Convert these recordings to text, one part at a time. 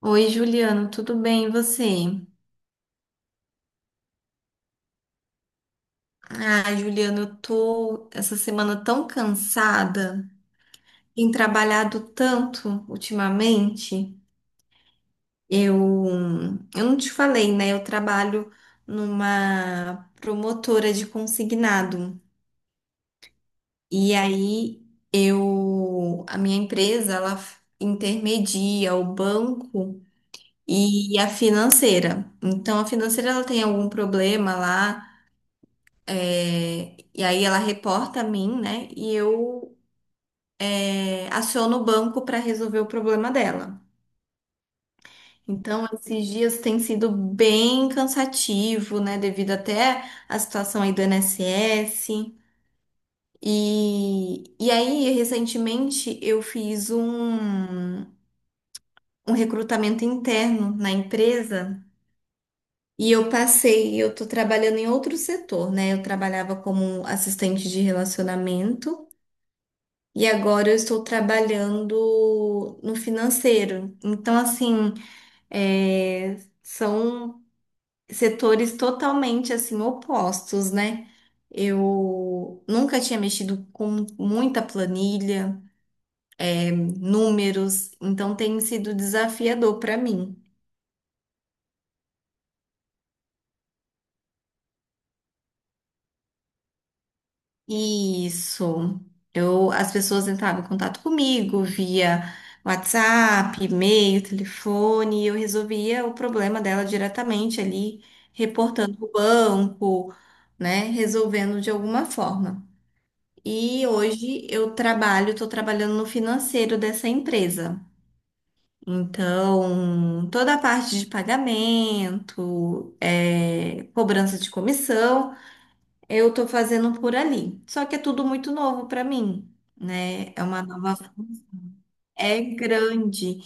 Oi, Juliano, tudo bem? E você? Ah, Juliano, eu tô essa semana tão cansada, tenho trabalhado tanto ultimamente. Eu, eu não te falei, né? Eu trabalho numa promotora de consignado. E aí eu, a minha empresa, ela intermedia o banco e a financeira. Então, a financeira ela tem algum problema lá. É, e aí ela reporta a mim, né? E eu, aciono o banco para resolver o problema dela. Então, esses dias tem sido bem cansativo, né? Devido até à situação aí do INSS. E aí, recentemente, eu fiz um recrutamento interno na empresa e eu passei, eu tô trabalhando em outro setor, né? Eu trabalhava como assistente de relacionamento. E agora eu estou trabalhando no financeiro. Então, assim, é, são setores totalmente assim opostos, né? Eu nunca tinha mexido com muita planilha, números, então tem sido desafiador para mim. Isso. Eu, as pessoas entravam em contato comigo via WhatsApp, e-mail, telefone, e eu resolvia o problema dela diretamente ali, reportando o banco, né? Resolvendo de alguma forma. E hoje eu trabalho, estou trabalhando no financeiro dessa empresa. Então, toda a parte de pagamento, é, cobrança de comissão. Eu tô fazendo por ali. Só que é tudo muito novo para mim, né? É uma nova. É grande.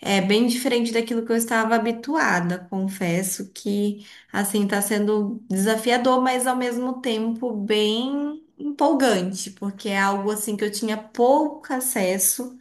É bem diferente daquilo que eu estava habituada. Confesso que, assim, tá sendo desafiador, mas ao mesmo tempo bem empolgante, porque é algo, assim, que eu tinha pouco acesso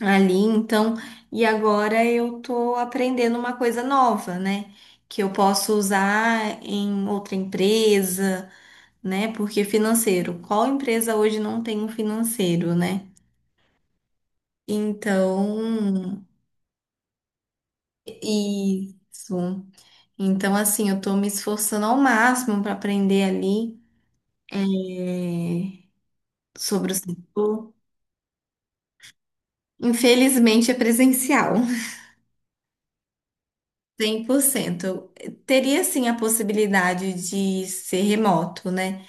ali. Então, e agora eu tô aprendendo uma coisa nova, né? Que eu posso usar em outra empresa, né? Porque financeiro, qual empresa hoje não tem um financeiro, né? Então, isso. Então, assim, eu tô me esforçando ao máximo para aprender ali é, sobre o setor. Infelizmente, é presencial, 100%. Eu teria, sim, a possibilidade de ser remoto, né?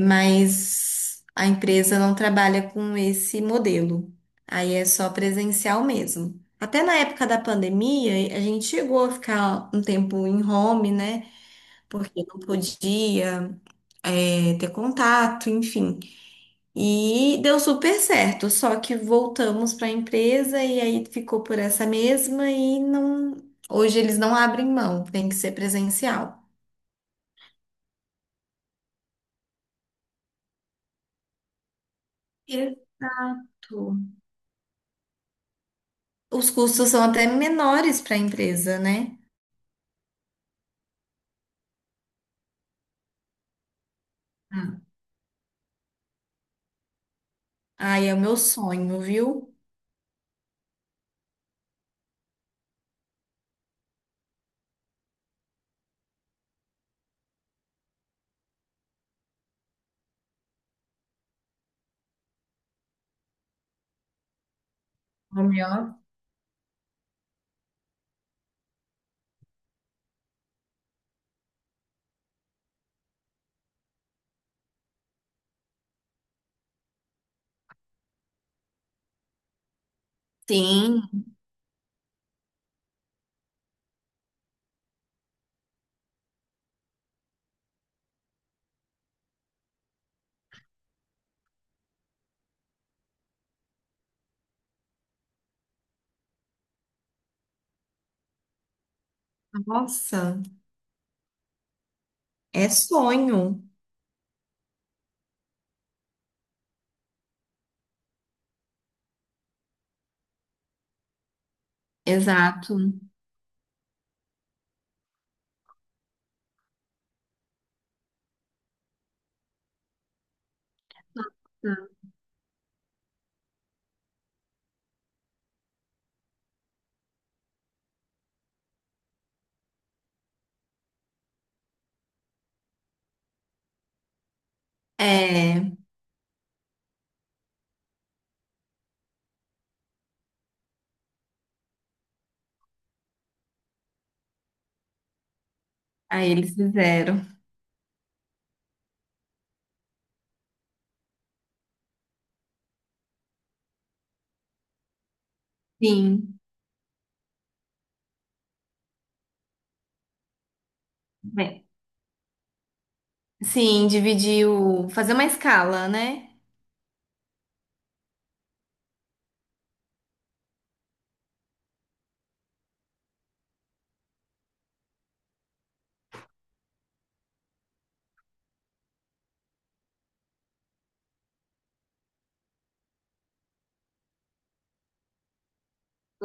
Mas a empresa não trabalha com esse modelo. Aí é só presencial mesmo. Até na época da pandemia, a gente chegou a ficar um tempo em home, né? Porque não podia, é, ter contato, enfim. E deu super certo. Só que voltamos para a empresa e aí ficou por essa mesma e não. Hoje eles não abrem mão, tem que ser presencial. Exato. Os custos são até menores para a empresa, né? Hum. Ai, é o meu sonho, viu? Home office. Sim, nossa, é sonho. Exato. É, aí eles fizeram. Sim, bem, sim, dividir o, fazer uma escala, né?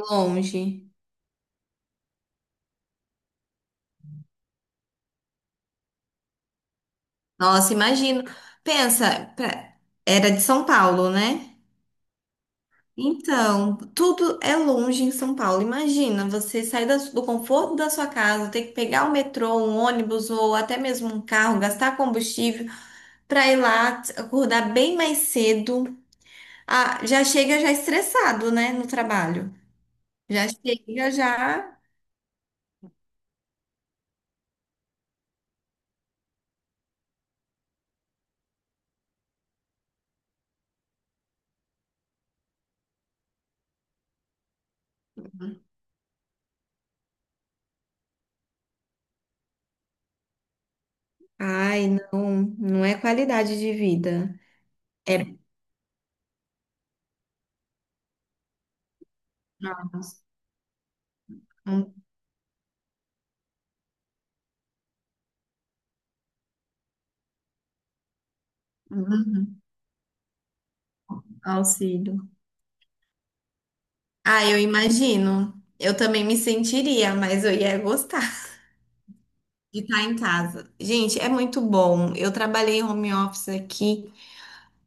Longe. Nossa, imagino. Pensa, era de São Paulo, né? Então, tudo é longe em São Paulo. Imagina, você sair do conforto da sua casa, ter que pegar o metrô, um ônibus ou até mesmo um carro, gastar combustível para ir lá, acordar bem mais cedo. Ah, já chega já estressado, né, no trabalho. Já chega já. Ai, não, não é qualidade de vida. É um um auxílio. Ah, eu imagino. Eu também me sentiria, mas eu ia gostar. De estar em casa. Gente, é muito bom. Eu trabalhei home office aqui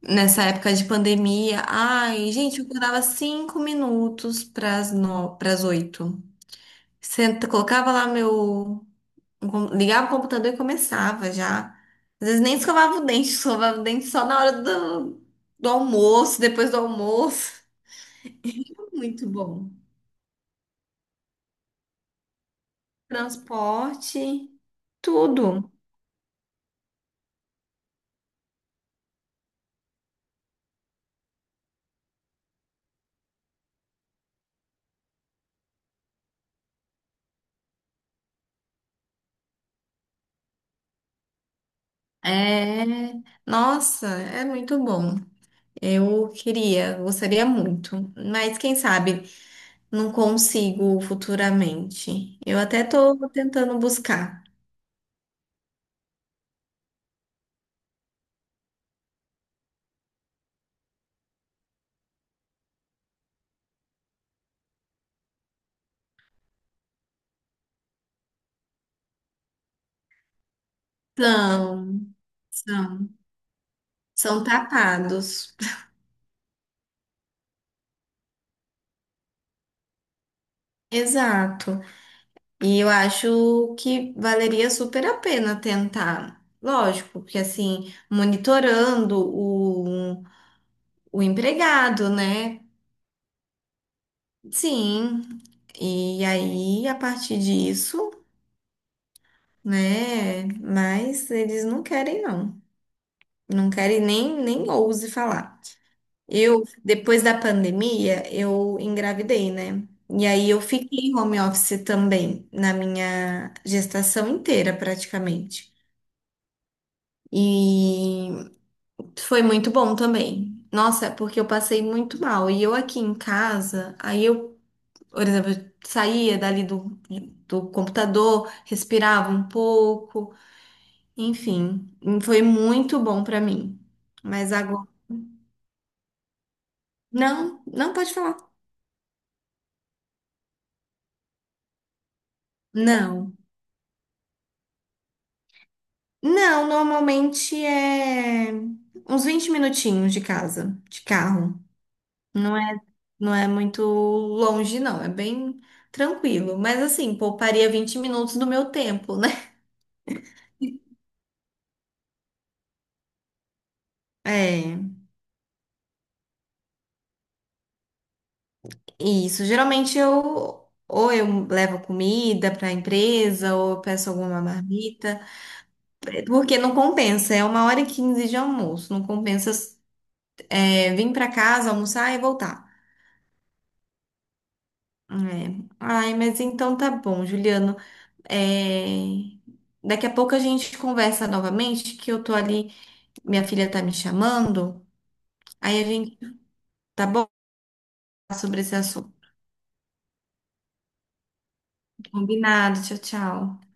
nessa época de pandemia. Ai, gente, eu acordava cinco minutos pras no... pras oito. Senta, colocava lá meu. Ligava o computador e começava já. Às vezes nem escovava o dente, escovava o dente só na hora do, do almoço, depois do almoço. Muito bom. Transporte, tudo. É. Nossa, é muito bom. Eu queria, gostaria muito, mas quem sabe não consigo futuramente. Eu até estou tentando buscar. São, são, são tapados. Exato. E eu acho que valeria super a pena tentar. Lógico, porque assim, monitorando o empregado, né? Sim. E aí, a partir disso, né? Mas eles não querem, não. Não quero e nem, nem ouse falar. Eu, depois da pandemia, eu engravidei, né? E aí eu fiquei em home office também, na minha gestação inteira, praticamente. E foi muito bom também. Nossa, porque eu passei muito mal. E eu aqui em casa, aí eu, por exemplo, eu saía dali do, do computador, respirava um pouco, enfim, foi muito bom pra mim. Mas agora. Não, não pode falar. Não. Não, normalmente é uns 20 minutinhos de casa, de carro. Não é, não é muito longe, não. É bem tranquilo. Mas assim, pouparia 20 minutos do meu tempo, né? É, isso. Geralmente eu ou eu levo comida para a empresa ou eu peço alguma marmita, porque não compensa. É 1 hora e 15 de almoço. Não compensa, vir para casa, almoçar e voltar. É. Ai, mas então tá bom, Juliano. É, daqui a pouco a gente conversa novamente, que eu tô ali, minha filha tá me chamando. Aí a gente, tá bom? Sobre esse assunto. Combinado. Tchau, tchau.